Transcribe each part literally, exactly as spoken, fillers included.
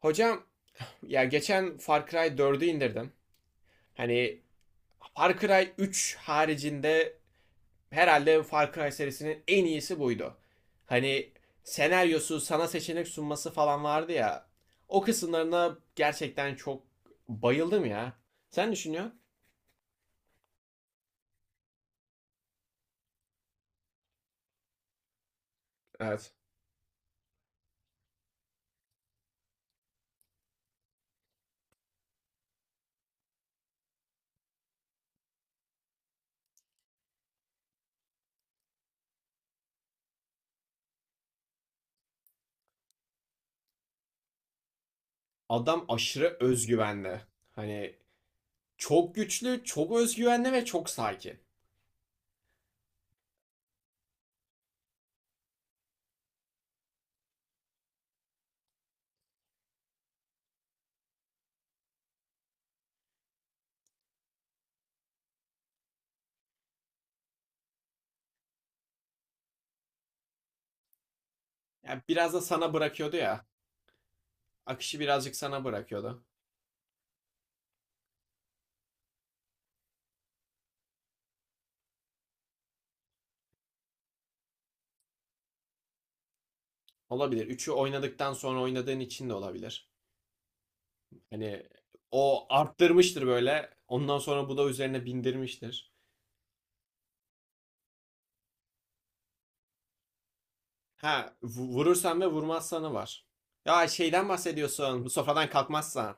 Hocam ya geçen Far Cry dördü indirdim. Hani Far Cry üç haricinde herhalde Far Cry serisinin en iyisi buydu. Hani senaryosu, sana seçenek sunması falan vardı ya. O kısımlarına gerçekten çok bayıldım ya. Sen düşünüyorsun? Evet. Adam aşırı özgüvenli. Hani çok güçlü, çok özgüvenli ve çok sakin. Ya biraz da sana bırakıyordu ya. Akışı birazcık sana bırakıyordu. Olabilir. Üçü oynadıktan sonra oynadığın için de olabilir. Hani o arttırmıştır böyle. Ondan sonra bu da üzerine bindirmiştir. Ha, vu- vurursan ve vurmazsanı var. Ya şeyden bahsediyorsun. Bu sofradan kalkmazsan.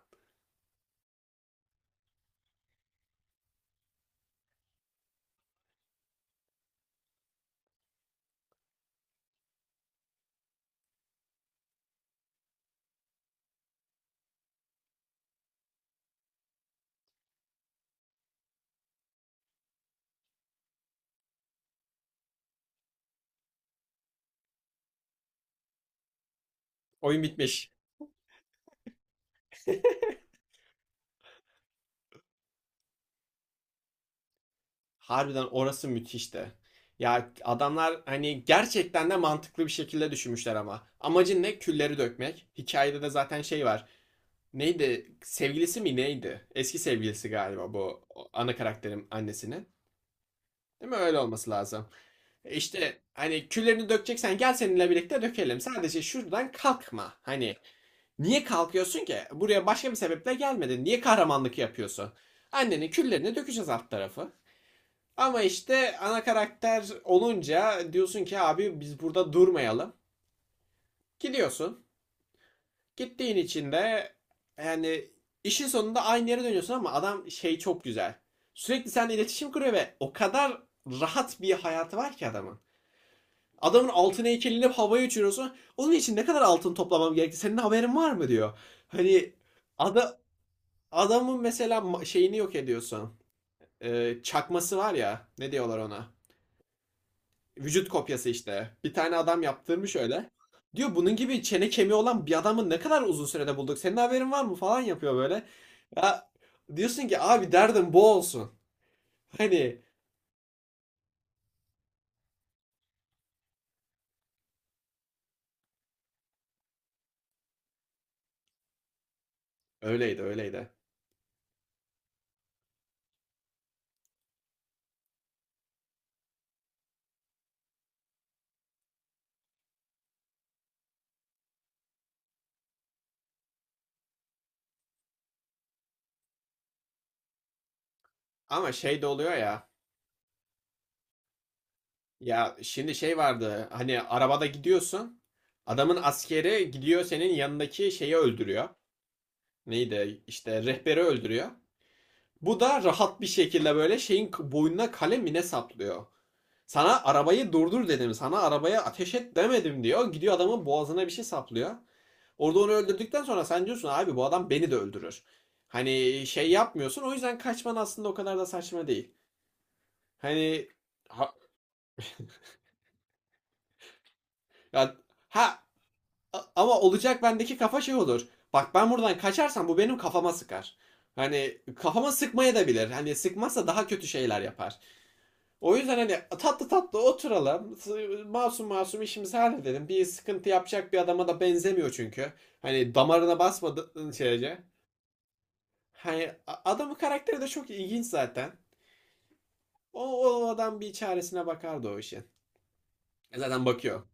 Oyun bitmiş. Harbiden orası müthişti. Ya adamlar hani gerçekten de mantıklı bir şekilde düşünmüşler ama. Amacın ne? Külleri dökmek. Hikayede de zaten şey var. Neydi? Sevgilisi mi neydi? Eski sevgilisi galiba bu ana karakterin annesinin. Değil mi? Öyle olması lazım. E İşte hani küllerini dökeceksen gel seninle birlikte dökelim. Sadece şuradan kalkma. Hani niye kalkıyorsun ki? Buraya başka bir sebeple gelmedin. Niye kahramanlık yapıyorsun? Annenin küllerini dökeceğiz alt tarafı. Ama işte ana karakter olunca diyorsun ki abi biz burada durmayalım. Gidiyorsun. Gittiğin için de yani işin sonunda aynı yere dönüyorsun ama adam şey çok güzel. Sürekli seninle iletişim kuruyor ve o kadar rahat bir hayatı var ki adamın. Adamın altın heykelini havaya uçuruyorsun. Onun için ne kadar altın toplamam gerekti? Senin haberin var mı diyor. Hani ada, adamın mesela şeyini yok ediyorsun. Ee, çakması var ya. Ne diyorlar ona? Vücut kopyası işte. Bir tane adam yaptırmış öyle. Diyor bunun gibi çene kemiği olan bir adamı ne kadar uzun sürede bulduk. Senin haberin var mı falan yapıyor böyle. Ya diyorsun ki abi derdim bu olsun. Hani öyleydi öyleydi. Ama şey de oluyor ya. Ya şimdi şey vardı. Hani arabada gidiyorsun. Adamın askeri gidiyor senin yanındaki şeyi öldürüyor. Neydi? İşte rehberi öldürüyor. Bu da rahat bir şekilde böyle şeyin boynuna kalem mi ne saplıyor. Sana arabayı durdur dedim. Sana arabaya ateş et demedim diyor. Gidiyor adamın boğazına bir şey saplıyor. Orada onu öldürdükten sonra sen diyorsun abi bu adam beni de öldürür. Hani şey yapmıyorsun. O yüzden kaçman aslında o kadar da saçma değil. Hani ha, ya, ha ama olacak bendeki kafa şey olur. Bak ben buradan kaçarsam bu benim kafama sıkar. Hani kafama sıkmaya da bilir. Hani sıkmazsa daha kötü şeyler yapar. O yüzden hani tatlı tatlı oturalım. Masum masum işimizi halledelim. Bir sıkıntı yapacak bir adama da benzemiyor çünkü. Hani damarına basmadığın şeyce. Hani adamın karakteri de çok ilginç zaten. O, o adam bir çaresine bakardı o işin. E zaten bakıyor.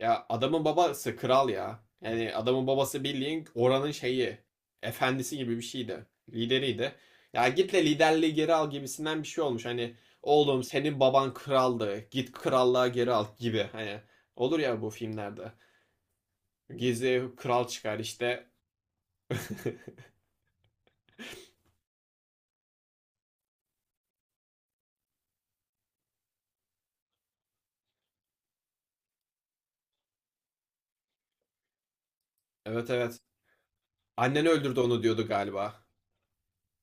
Ya adamın babası kral ya. Yani adamın babası bildiğin oranın şeyi. Efendisi gibi bir şeydi. Lideriydi. Ya git de liderliği geri al gibisinden bir şey olmuş. Hani oğlum senin baban kraldı. Git krallığa geri al gibi. Hani olur ya bu filmlerde. Gizli kral çıkar işte. Evet evet. Annen öldürdü onu diyordu galiba.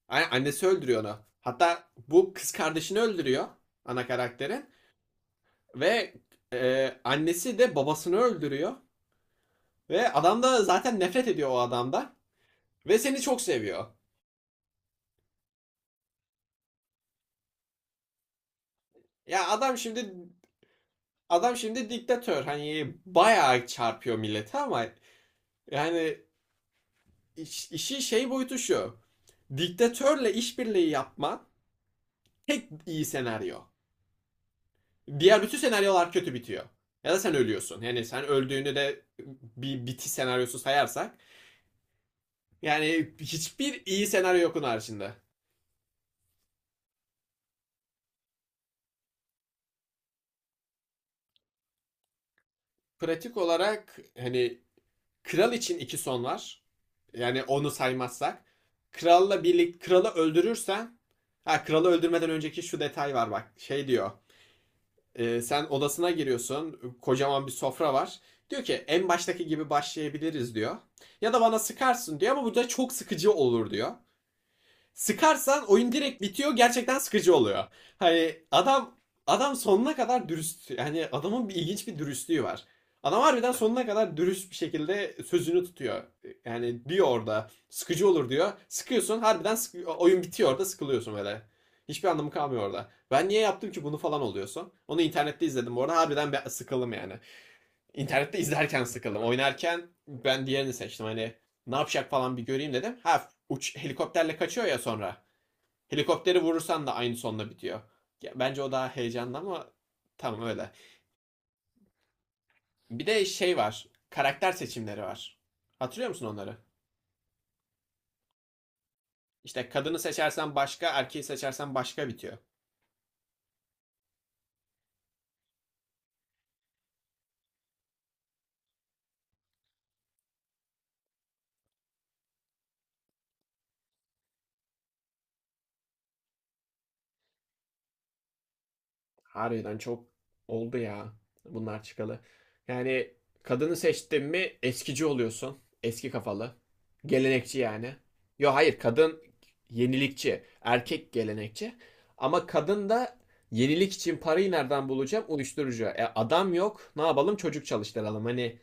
A- Annesi öldürüyor onu. Hatta bu kız kardeşini öldürüyor ana karakterin ve e, annesi de babasını öldürüyor. Ve adam da zaten nefret ediyor o adamda. Ve seni çok seviyor. Ya adam şimdi adam şimdi diktatör. Hani bayağı çarpıyor millete ama yani iş- işi şey boyutu şu. Diktatörle işbirliği yapma tek iyi senaryo. Diğer bütün senaryolar kötü bitiyor. Ya da sen ölüyorsun. Yani sen öldüğünü de bir bitiş senaryosu sayarsak. Yani hiçbir iyi senaryo yok onun haricinde. Pratik olarak hani kral için iki son var. Yani onu saymazsak. Kralla birlikte kralı öldürürsen ha kralı öldürmeden önceki şu detay var bak. Şey diyor. E, sen odasına giriyorsun. Kocaman bir sofra var. Diyor ki en baştaki gibi başlayabiliriz diyor. Ya da bana sıkarsın diyor ama bu çok sıkıcı olur diyor. Sıkarsan oyun direkt bitiyor. Gerçekten sıkıcı oluyor. Hani adam adam sonuna kadar dürüst. Yani adamın bir ilginç bir dürüstlüğü var. Adam harbiden sonuna kadar dürüst bir şekilde sözünü tutuyor. Yani diyor orada sıkıcı olur diyor. Sıkıyorsun harbiden sık- oyun bitiyor orada sıkılıyorsun böyle. Hiçbir anlamı kalmıyor orada. Ben niye yaptım ki bunu falan oluyorsun. Onu internette izledim bu arada harbiden ben sıkıldım yani. İnternette izlerken sıkıldım. Oynarken ben diğerini seçtim hani ne yapacak falan bir göreyim dedim. Ha uç helikopterle kaçıyor ya sonra. Helikopteri vurursan da aynı sonla bitiyor. Ya, bence o daha heyecanlı ama tamam öyle. Bir de şey var. Karakter seçimleri var. Hatırlıyor musun onları? İşte kadını seçersen başka, erkeği seçersen başka bitiyor. Harbiden çok oldu ya bunlar çıkalı. Yani kadını seçtin mi eskici oluyorsun. Eski kafalı. Gelenekçi yani. Yo hayır kadın yenilikçi. Erkek gelenekçi. Ama kadın da yenilik için parayı nereden bulacağım? Uyuşturucu. E, adam yok. Ne yapalım? Çocuk çalıştıralım. Hani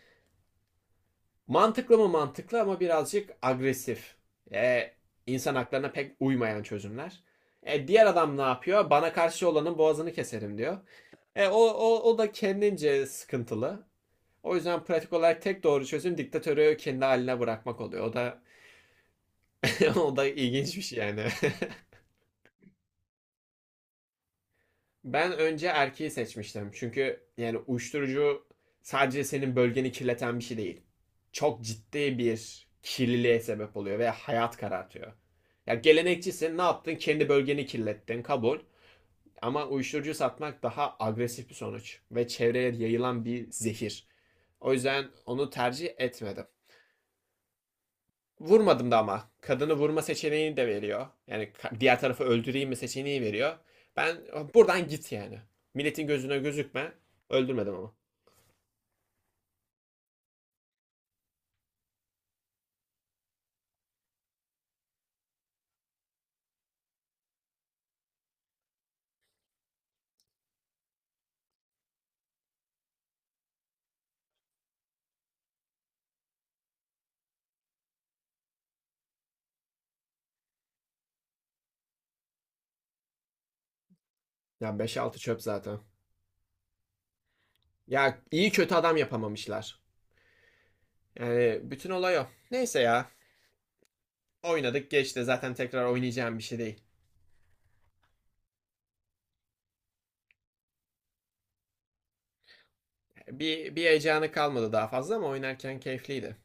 mantıklı mı mantıklı ama birazcık agresif. E, insan haklarına pek uymayan çözümler. E, diğer adam ne yapıyor? Bana karşı olanın boğazını keserim diyor. E, o, o, o da kendince sıkıntılı. O yüzden pratik olarak tek doğru çözüm diktatörü kendi haline bırakmak oluyor. O da o da ilginç bir şey yani. Ben önce erkeği seçmiştim. Çünkü yani uyuşturucu sadece senin bölgeni kirleten bir şey değil. Çok ciddi bir kirliliğe sebep oluyor ve hayat karartıyor. Ya gelenekçisin, ne yaptın? Kendi bölgeni kirlettin, kabul. Ama uyuşturucu satmak daha agresif bir sonuç ve çevreye yayılan bir zehir. O yüzden onu tercih etmedim. Vurmadım da ama. Kadını vurma seçeneğini de veriyor. Yani diğer tarafı öldüreyim mi seçeneği veriyor. Ben buradan git yani. Milletin gözüne gözükme. Öldürmedim ama. Ya beş altı çöp zaten. Ya iyi kötü adam yapamamışlar. Yani bütün olay o. Neyse ya. Oynadık geçti. Zaten tekrar oynayacağım bir şey değil. Bir, bir heyecanı kalmadı daha fazla ama oynarken keyifliydi.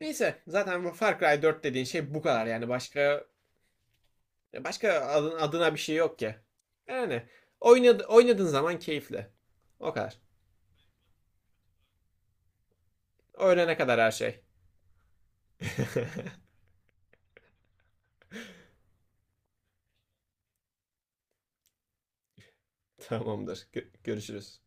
Neyse zaten bu Far Cry dört dediğin şey bu kadar yani başka. Ya başka adın- adına bir şey yok ki. Yani oynadı, oynadığın zaman keyifli. O kadar. Öğlene kadar her şey. Tamamdır. Gö- görüşürüz.